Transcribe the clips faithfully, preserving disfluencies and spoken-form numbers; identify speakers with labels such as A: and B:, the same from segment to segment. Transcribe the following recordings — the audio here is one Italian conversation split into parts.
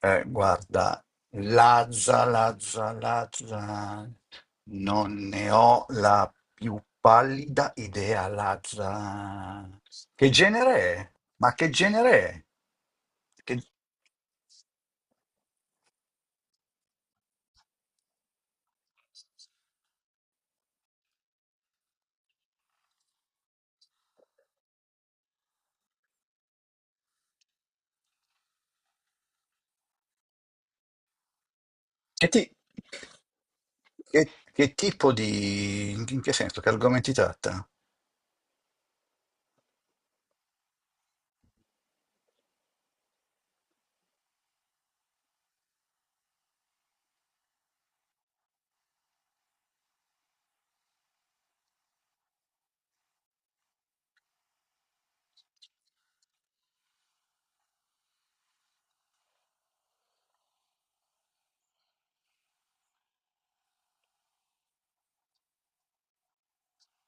A: Eh, guarda, Lazza, Lazza, Lazza, non ne ho la più pallida idea, Lazza. Che genere è? Ma che genere è? Che, che ti- che- che tipo di... In che senso? Che argomenti tratta?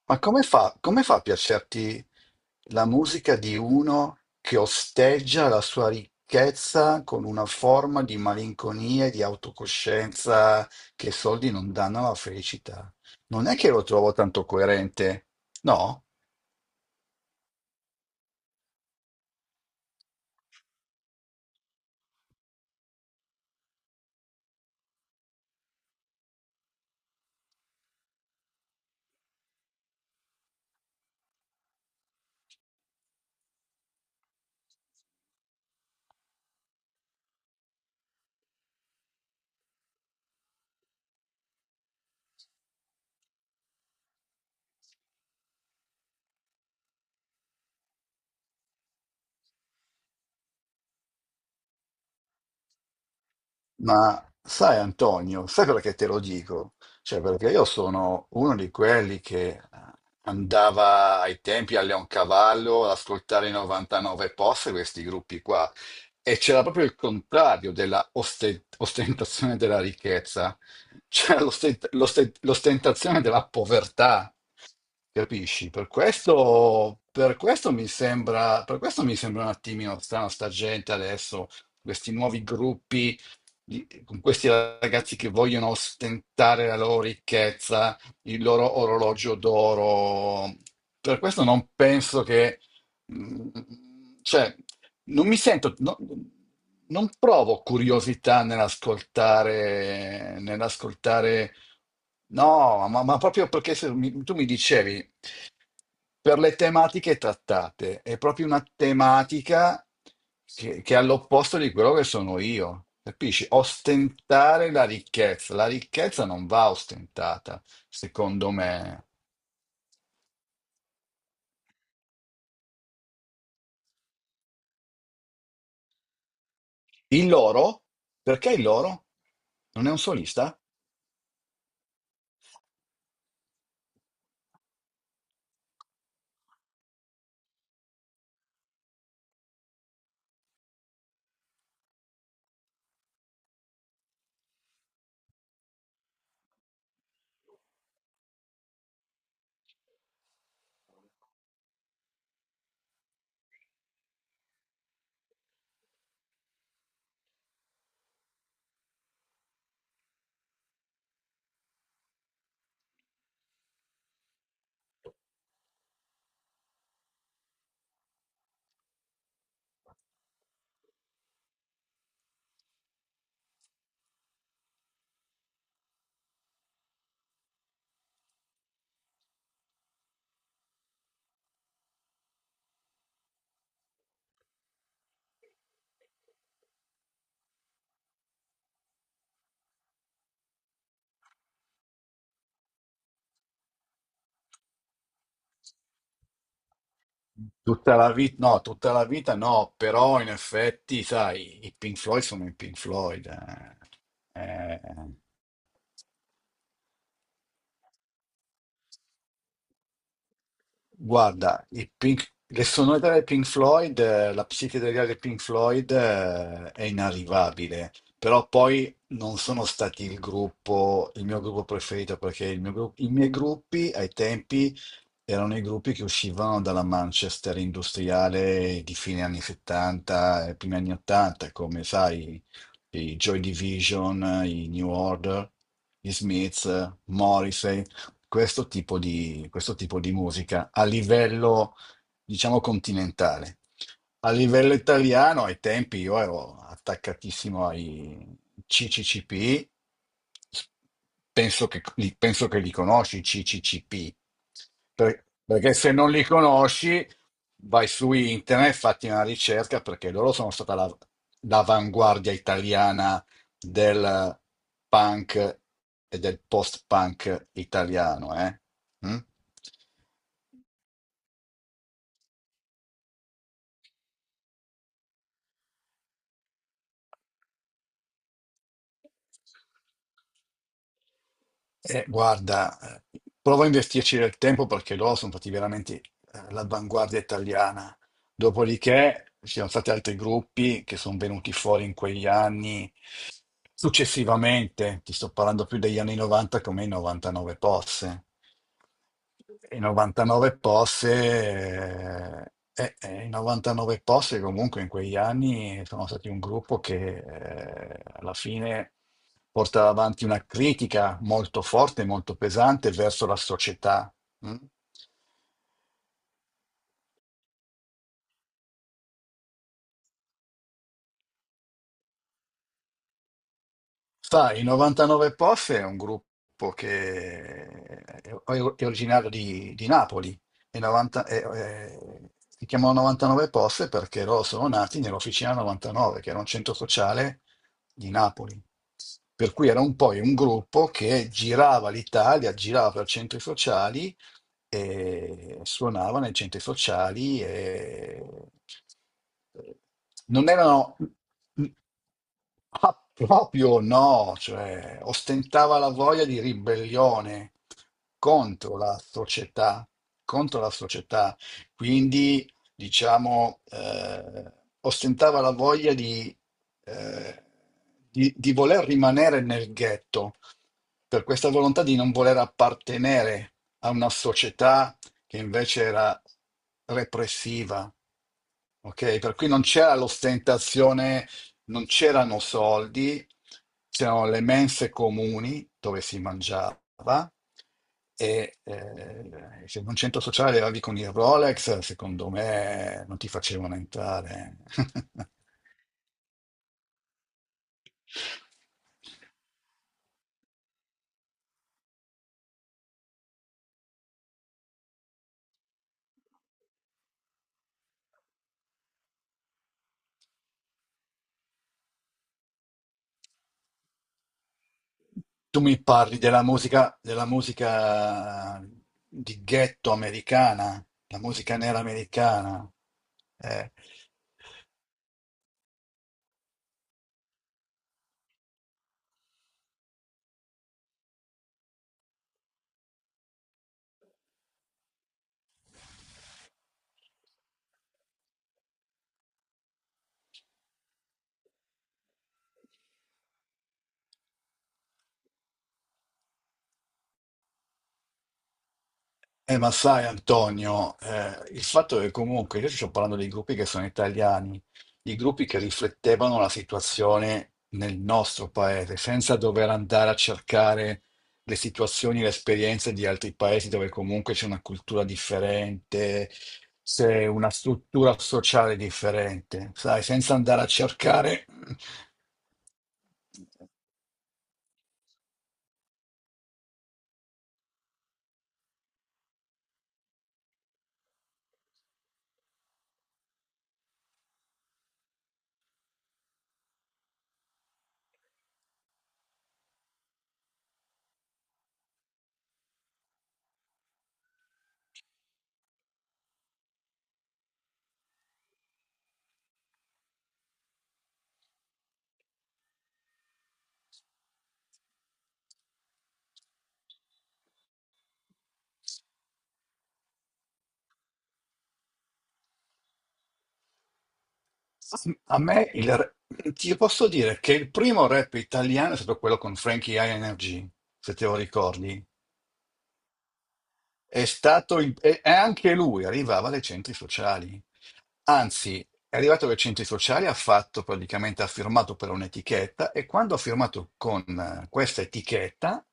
A: Ma come fa, come fa a piacerti? La musica di uno che osteggia la sua ricchezza con una forma di malinconia e di autocoscienza che i soldi non danno alla felicità. Non è che lo trovo tanto coerente, no? Ma sai Antonio, sai perché te lo dico? Cioè, perché io sono uno di quelli che eh, andava ai tempi a Leoncavallo ad ascoltare i novantanove post, questi gruppi qua, e c'era proprio il contrario della oste- ostentazione della ricchezza, c'era l'ostent- l'ostent- l'ostentazione della povertà, capisci? Per questo, per questo mi sembra, per questo mi sembra un attimino strano sta gente adesso, questi nuovi gruppi di- con questi ragazzi che vogliono ostentare la loro ricchezza, il loro orologio d'oro. Per questo non penso che, mm, cioè, non mi sento, no- non provo curiosità nell'ascoltare, nell'ascoltare, no, ma, ma proprio perché se mi- tu mi dicevi per le tematiche trattate. È proprio una tematica che, che è all'opposto di quello che sono io. Capisci? Ostentare la ricchezza. La ricchezza non va ostentata, secondo me. Il loro? Perché il loro? Non è un solista? Tutta la vita, no, tutta la vita no, però in effetti, sai, i Pink Floyd sono i Pink Floyd. Eh. Eh, guarda, i Pink- le sonorità dei Pink Floyd, eh, la psichedelia dei Pink Floyd, eh, è inarrivabile, però poi non sono stati il gruppo, il mio gruppo preferito, perché il mio gru- i miei gruppi ai tempi erano i gruppi che uscivano dalla Manchester industriale di fine anni settanta e primi anni ottanta, come sai, i Joy Division, i New Order, gli Smiths, Morrissey, questo tipo di, questo tipo di musica a livello, diciamo, continentale. A livello italiano, ai tempi io ero attaccatissimo ai ci ci ci pi, penso che, li penso che li conosci, i ci ci ci pi. Per- perché se non li conosci vai su internet, fatti una ricerca, perché loro sono stata la- l'avanguardia italiana del punk e del post-punk italiano, eh? Mm? Eh, guarda, eh, provo a investirci del tempo perché loro sono stati veramente eh, l'avanguardia italiana. Dopodiché ci sono stati altri gruppi che sono venuti fuori in quegli anni. Successivamente, ti sto parlando più degli anni novanta come i novantanove posse. I novantanove posse, eh, eh, eh, i novantanove posse comunque in quegli anni sono stati un gruppo che eh, alla fine portava avanti una critica molto forte, molto pesante verso la società. Mm? Sai, i novantanove pi o effe è un gruppo che è è originario di, di Napoli. E novanta e- e- si chiamano novantanove pi o effe perché loro sono nati nell'Officina novantanove, che era un centro sociale di Napoli. Per cui era un poi un gruppo che girava l'Italia, girava per centri sociali e suonava nei centri sociali e eh, non erano. Ah, proprio no, cioè ostentava la voglia di ribellione contro la società, contro la società, quindi diciamo eh, ostentava la voglia di, eh, di, di voler rimanere nel ghetto, per questa volontà di non voler appartenere a una società che invece era repressiva. Ok, per cui non c'era l'ostentazione, non c'erano soldi, c'erano le mense comuni dove si mangiava e eh, se in un centro sociale arrivavi con il Rolex, secondo me non ti facevano entrare. Tu mi parli della musica, della musica di ghetto americana, la musica nera americana. Eh. Eh, ma sai Antonio, eh, il fatto è che comunque io ti sto parlando dei gruppi che sono italiani, di gruppi che riflettevano la situazione nel nostro paese, senza dover andare a cercare le situazioni, le esperienze di altri paesi dove comunque c'è una cultura differente, c'è una struttura sociale differente, sai, senza andare a cercare. Sì, A me il, re- ti posso dire che il primo rap italiano è stato quello con Frankie High Energy, se te lo ricordi. È stato il- e e anche lui arrivava dai centri sociali. Anzi, è arrivato dai centri sociali, ha fatto praticamente, ha firmato per un'etichetta e quando ha firmato con eh, questa etichetta,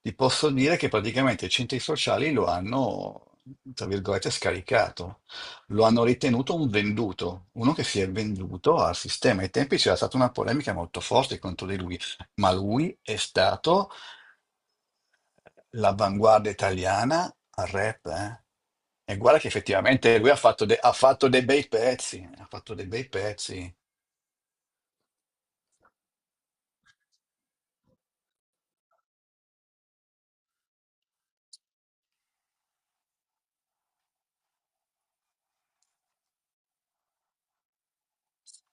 A: ti posso dire che praticamente i centri sociali lo hanno, tra virgolette, scaricato, lo hanno ritenuto un venduto, uno che si è venduto al sistema. Ai tempi c'era stata una polemica molto forte contro di lui, ma lui è stato l'avanguardia italiana al rap, eh? E guarda che effettivamente lui ha fatto, de- ha fatto dei bei pezzi, ha fatto dei bei pezzi.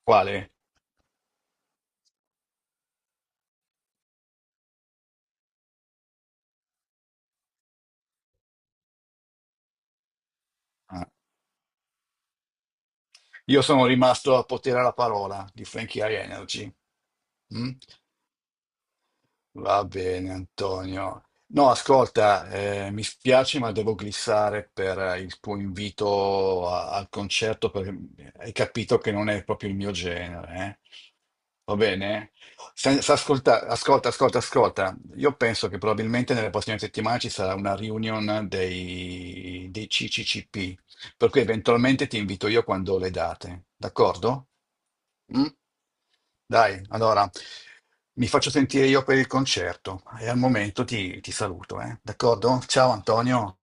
A: Quale? Ah, io sono rimasto a potere alla parola di Frankie High Energy. Mm? Va bene, Antonio. No, ascolta, eh, mi spiace, ma devo glissare per eh, il tuo invito a- al concerto perché hai capito che non è proprio il mio genere, eh. Va bene? Senza ascolta, ascolta, ascolta, ascolta. Io penso che probabilmente nelle prossime settimane ci sarà una reunion dei, dei ci ci ci pi, per cui eventualmente ti invito io quando ho le date, d'accordo? Mm? Dai, allora mi faccio sentire io per il concerto e al momento ti, ti saluto, eh? D'accordo? Ciao Antonio.